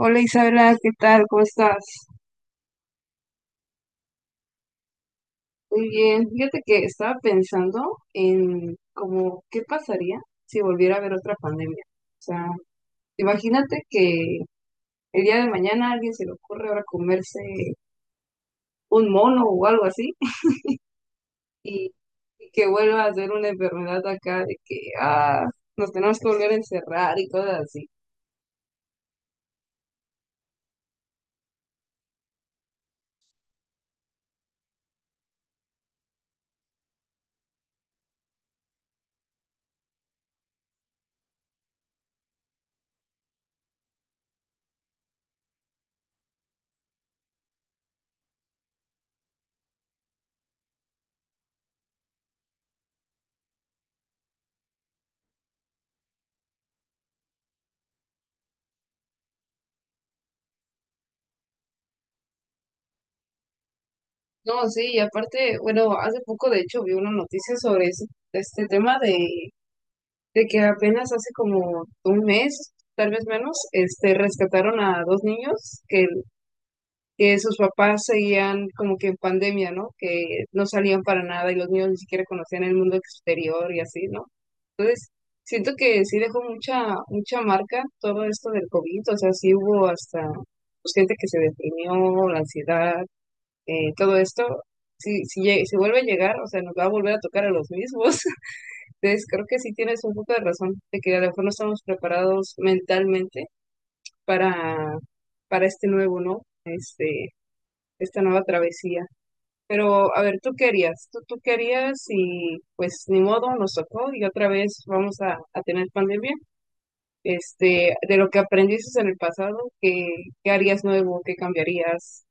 Hola Isabela, ¿qué tal? ¿Cómo estás? Muy bien. Fíjate que estaba pensando en como qué pasaría si volviera a haber otra pandemia. O sea, imagínate que el día de mañana a alguien se le ocurre ahora comerse un mono o algo así. y, y que vuelva a ser una enfermedad acá de que ah, nos tenemos que volver a encerrar y cosas así. No, sí, y aparte, bueno, hace poco de hecho vi una noticia sobre este tema de que apenas hace como un mes, tal vez menos, este, rescataron a dos niños que sus papás seguían como que en pandemia, ¿no? Que no salían para nada y los niños ni siquiera conocían el mundo exterior y así, ¿no? Entonces, siento que sí dejó mucha, mucha marca todo esto del COVID, o sea, sí hubo hasta pues, gente que se deprimió, la ansiedad, todo esto. Si vuelve a llegar, o sea, nos va a volver a tocar a los mismos. Entonces, creo que sí tienes un poco de razón, de que a lo mejor no estamos preparados mentalmente para, para este nuevo, ¿no? Este, esta nueva travesía. Pero, a ver, ¿tú qué harías? ¿Tú qué harías? Y pues ni modo, nos tocó y otra vez vamos a tener pandemia. Este, de lo que aprendiste en el pasado, qué harías nuevo? ¿Qué cambiarías?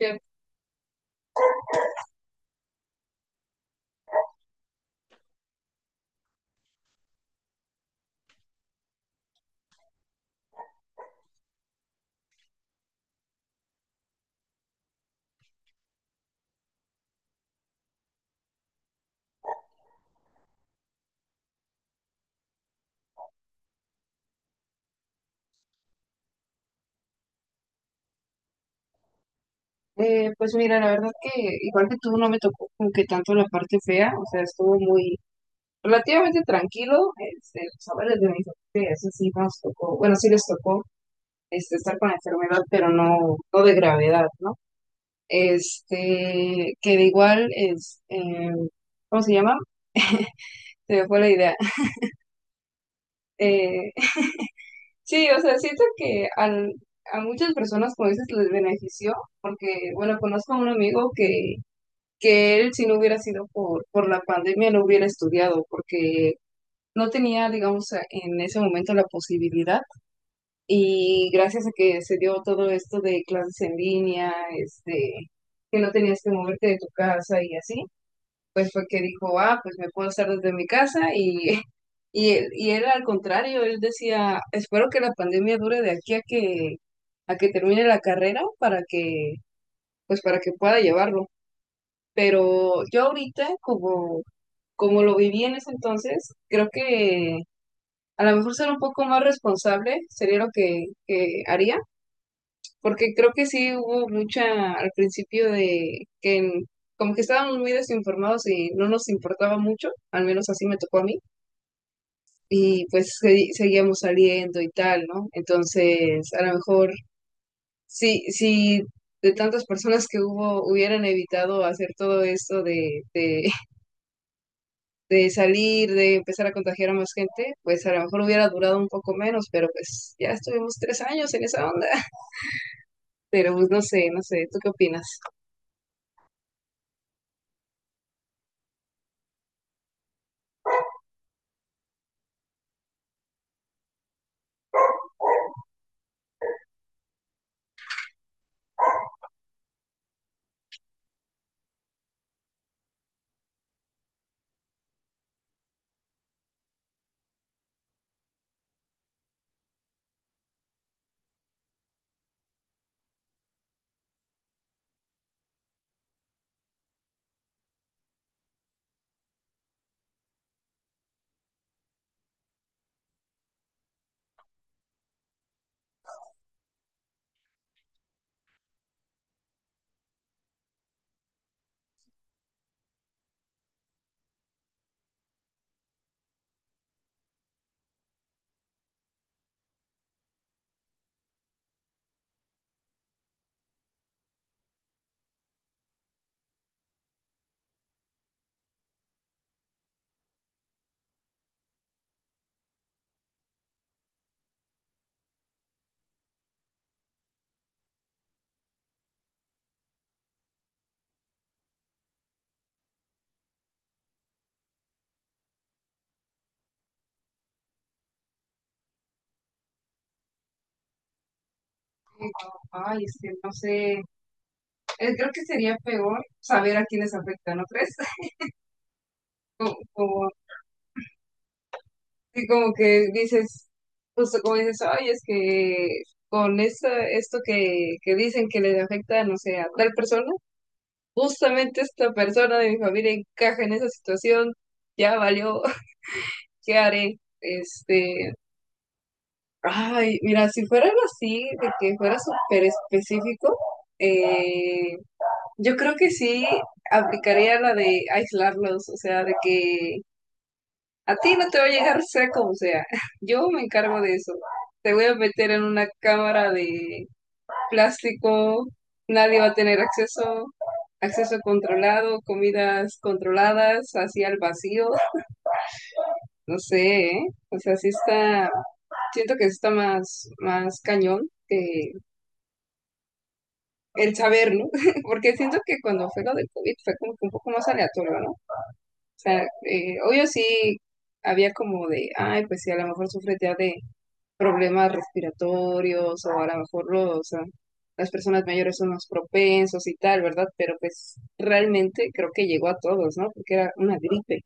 Ya, pues mira, la verdad que igual que tú no me tocó como que tanto la parte fea, o sea, estuvo muy relativamente tranquilo, este, los saberes de mis familia, eso sí nos tocó, bueno, sí les tocó este, estar con la enfermedad, pero no, no de gravedad, ¿no? Este, que de igual es, ¿cómo se llama? Se me fue la idea. Eh, sí, o sea, siento que a muchas personas, como dices, les benefició, porque, bueno, conozco a un amigo que él, si no hubiera sido por la pandemia, no hubiera estudiado, porque no tenía, digamos, en ese momento la posibilidad. Y gracias a que se dio todo esto de clases en línea, este, que no tenías que moverte de tu casa y así, pues fue que dijo, ah, pues me puedo hacer desde mi casa y él al contrario, él decía, espero que la pandemia dure de aquí a que termine la carrera pues para que pueda llevarlo. Pero yo ahorita, como, como lo viví en ese entonces, creo que a lo mejor ser un poco más responsable sería lo que haría porque creo que sí hubo mucha al principio de que como que estábamos muy desinformados y no nos importaba mucho, al menos así me tocó a mí, y pues seguíamos saliendo y tal, ¿no? Entonces, a lo mejor sí, sí. De tantas personas que hubo, hubieran evitado hacer todo esto de de salir, de empezar a contagiar a más gente, pues a lo mejor hubiera durado un poco menos, pero pues ya estuvimos 3 años en esa onda. Pero pues no sé, no sé, ¿tú qué opinas? Eh, Ay, es que no sé. Creo que sería peor saber a quiénes afecta, ¿no crees? Como, como, sí, como que dices, justo como dices, ay, es que con esto, esto que dicen que les afecta, no sé, a tal persona, justamente esta persona de mi familia encaja en esa situación, ya valió, ¿qué haré? Este, ay, mira, si fuera algo así, de que fuera súper específico, eh, yo creo que sí aplicaría la de aislarlos, o sea, de que a ti no te va a llegar sea como sea. Yo me encargo de eso. Te voy a meter en una cámara de plástico, nadie va a tener acceso, acceso controlado, comidas controladas, así al vacío. No sé, ¿eh? O sea, sí está, siento que está más, más cañón que el saber, ¿no? Porque siento que cuando fue lo del COVID fue como que un poco más aleatorio, ¿no? O sea, obvio sí había como de, ay, pues sí, a lo mejor sufre ya de problemas respiratorios o a lo mejor o sea, las personas mayores son más propensos y tal, ¿verdad? Pero pues realmente creo que llegó a todos, ¿no? Porque era una gripe.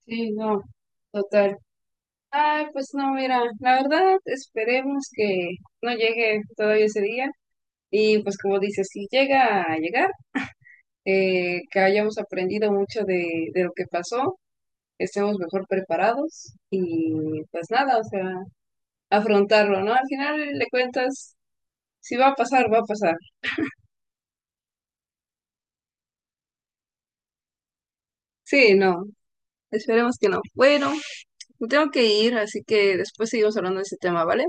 Sí, no, total. Ay, pues no, mira, la verdad esperemos que no llegue todavía ese día. Y pues como dices, si llega a llegar, que hayamos aprendido mucho de lo que pasó, estemos mejor preparados y pues nada, o sea, afrontarlo, ¿no? Al final le cuentas, si va a pasar, va a pasar. Sí, no, esperemos que no. Bueno, me tengo que ir, así que después seguimos hablando de este tema, ¿vale?